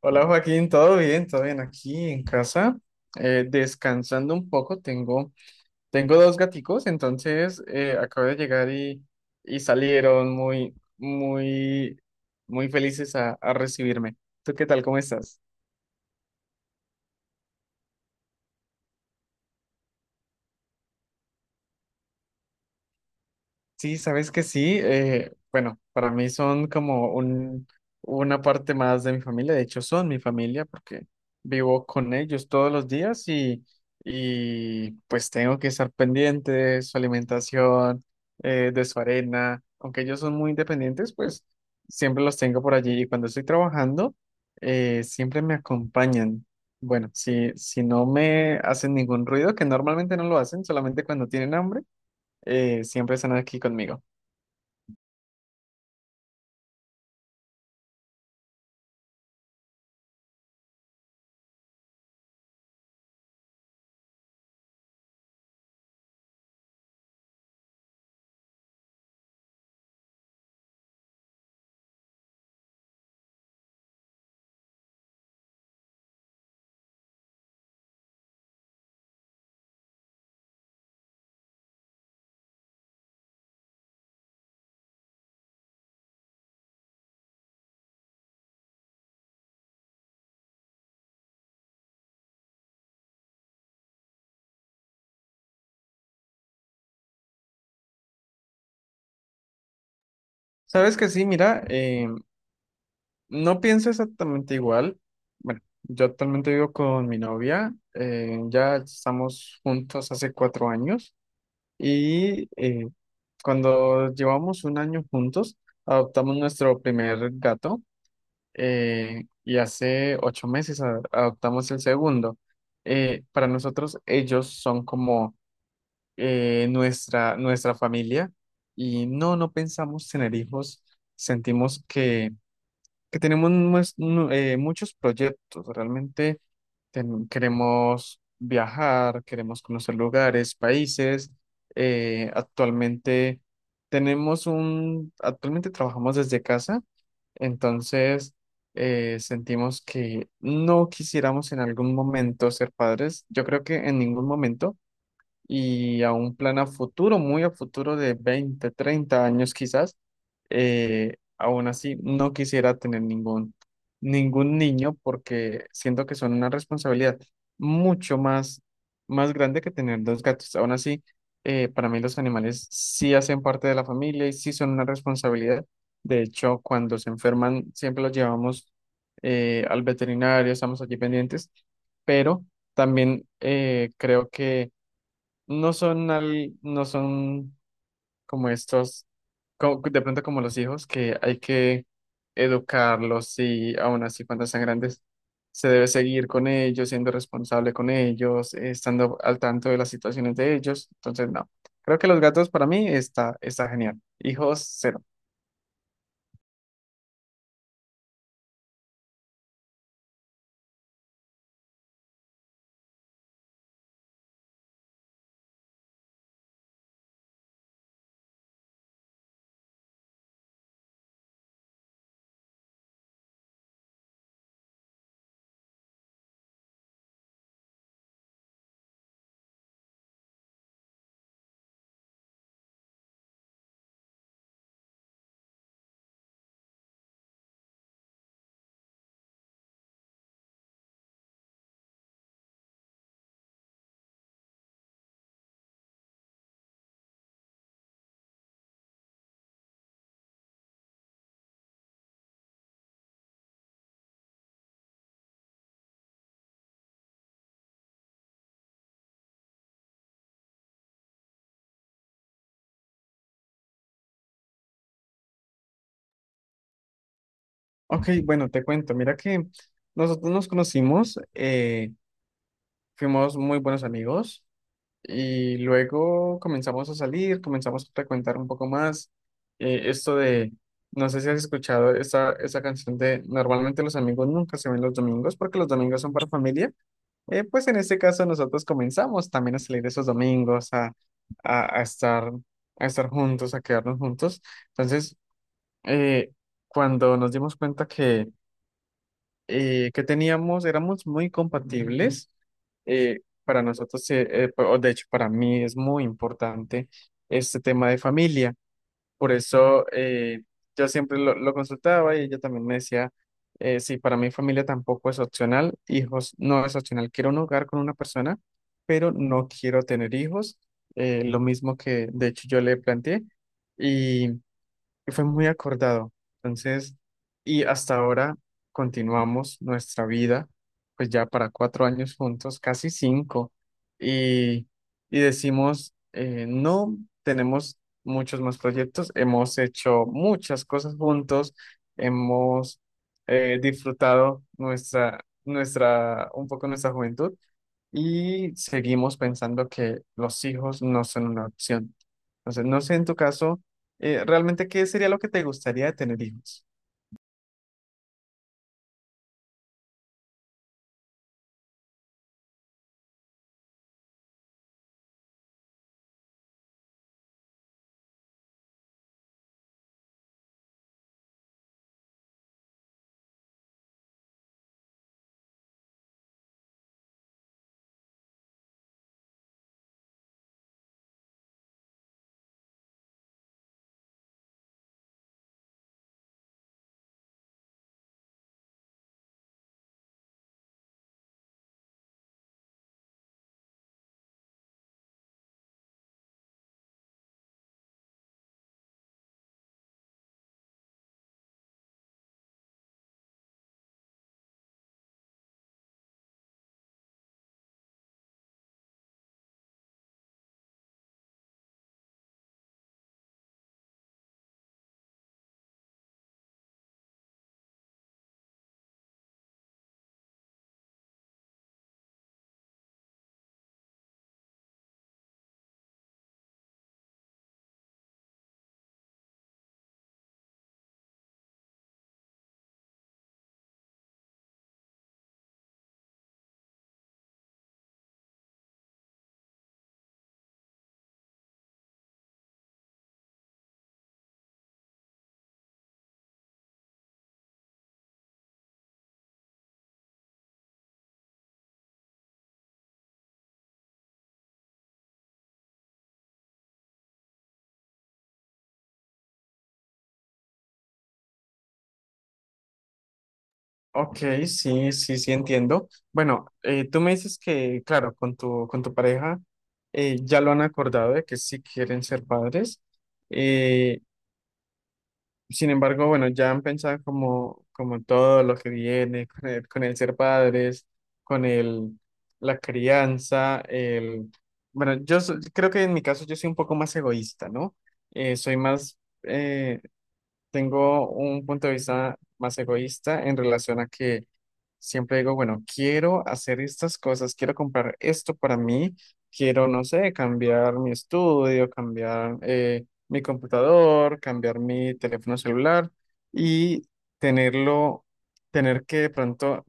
Hola, Joaquín, ¿todo bien? ¿Todo bien aquí en casa? Descansando un poco, tengo dos gaticos. Entonces, acabo de llegar y salieron muy, muy, muy felices a recibirme. ¿Tú qué tal? ¿Cómo estás? Sí, sabes que sí. Bueno, para mí son como una parte más de mi familia. De hecho, son mi familia porque vivo con ellos todos los días y pues tengo que estar pendiente de su alimentación, de su arena. Aunque ellos son muy independientes, pues siempre los tengo por allí. Y cuando estoy trabajando, siempre me acompañan. Bueno, si no me hacen ningún ruido, que normalmente no lo hacen, solamente cuando tienen hambre, siempre están aquí conmigo. Sabes que sí, mira, no pienso exactamente igual. Bueno, yo actualmente vivo con mi novia, ya estamos juntos hace 4 años y, cuando llevamos un año juntos, adoptamos nuestro primer gato y hace 8 meses adoptamos el segundo. Para nosotros ellos son como, nuestra familia, y no pensamos tener hijos. Sentimos que tenemos muchos proyectos. Realmente queremos viajar, queremos conocer lugares, países. Actualmente actualmente trabajamos desde casa. Entonces, sentimos que no quisiéramos en algún momento ser padres. Yo creo que en ningún momento, y a un plan a futuro, muy a futuro, de 20 30 años quizás, aún así no quisiera tener ningún niño, porque siento que son una responsabilidad mucho más, más grande que tener dos gatos. Aún así, para mí los animales sí hacen parte de la familia y sí son una responsabilidad. De hecho, cuando se enferman, siempre los llevamos al veterinario, estamos allí pendientes. Pero también, creo que no son como estos, de pronto como los hijos, que hay que educarlos, y aún así cuando sean grandes se debe seguir con ellos, siendo responsable con ellos, estando al tanto de las situaciones de ellos. Entonces, no, creo que los gatos, para mí, está genial. Hijos, 0. Ok, bueno, te cuento, mira que nosotros nos conocimos, fuimos muy buenos amigos. Y luego comenzamos a salir, comenzamos a frecuentar un poco más. Esto de, no sé si has escuchado esa canción de, normalmente los amigos nunca se ven los domingos porque los domingos son para familia. Pues en este caso nosotros comenzamos también a salir esos domingos, a estar juntos, a quedarnos juntos. Entonces, eh, cuando nos dimos cuenta que éramos muy compatibles. Para nosotros, o de hecho, para mí es muy importante este tema de familia. Por eso, yo siempre lo consultaba, y ella también me decía, sí, para mí familia tampoco es opcional, hijos no es opcional. Quiero un hogar con una persona, pero no quiero tener hijos. Lo mismo que, de hecho, yo le planteé, y fue muy acordado. Entonces, y hasta ahora continuamos nuestra vida, pues ya para 4 años juntos, casi cinco, y, y decimos, no, tenemos muchos más proyectos, hemos hecho muchas cosas juntos, hemos disfrutado un poco nuestra juventud, y seguimos pensando que los hijos no son una opción. Entonces, no sé en tu caso, realmente qué sería lo que te gustaría de tener hijos. Ok, sí, sí, sí entiendo. Bueno, tú me dices que, claro, con tu pareja ya lo han acordado de que sí quieren ser padres. Eh, Sin embargo, bueno, ya han pensado como en todo lo que viene, con el ser padres, con el, la crianza, el... Bueno, creo que en mi caso yo soy un poco más egoísta, ¿no? Eh, soy más, eh, Tengo un punto de vista más egoísta, en relación a que siempre digo, bueno, quiero hacer estas cosas, quiero comprar esto para mí, quiero, no sé, cambiar mi estudio, cambiar mi computador, cambiar mi teléfono celular, y tenerlo, tener que de pronto,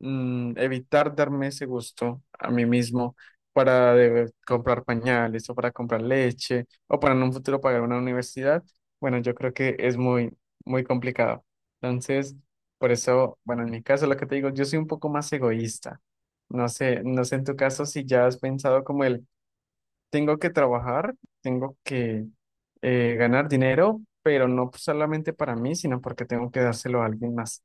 evitar darme ese gusto a mí mismo, para comprar pañales, o para comprar leche, o para en un futuro pagar una universidad. Bueno, yo creo que es muy, muy complicado. Entonces, por eso, bueno, en mi caso, lo que te digo, yo soy un poco más egoísta. No sé, no sé en tu caso si ya has pensado como tengo que trabajar, tengo que ganar dinero, pero no solamente para mí, sino porque tengo que dárselo a alguien más.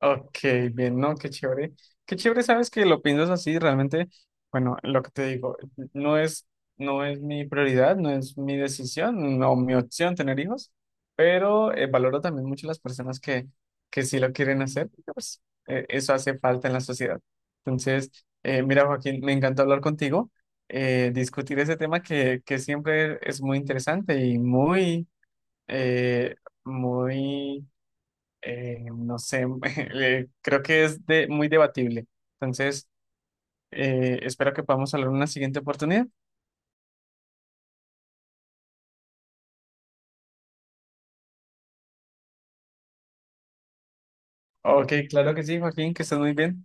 Ok, bien, ¿no? Qué chévere. Qué chévere, sabes que lo piensas así. Realmente, bueno, lo que te digo, no es, no es mi prioridad, no es mi decisión, no mi opción tener hijos. Pero, valoro también mucho las personas que sí lo quieren hacer, porque, pues, eso hace falta en la sociedad. Entonces, mira, Joaquín, me encanta hablar contigo, discutir ese tema, que siempre es muy interesante y muy, eh, muy no sé, creo que muy debatible. Entonces, espero que podamos hablar en una siguiente oportunidad. Ok, claro que sí, Joaquín, que estés muy bien.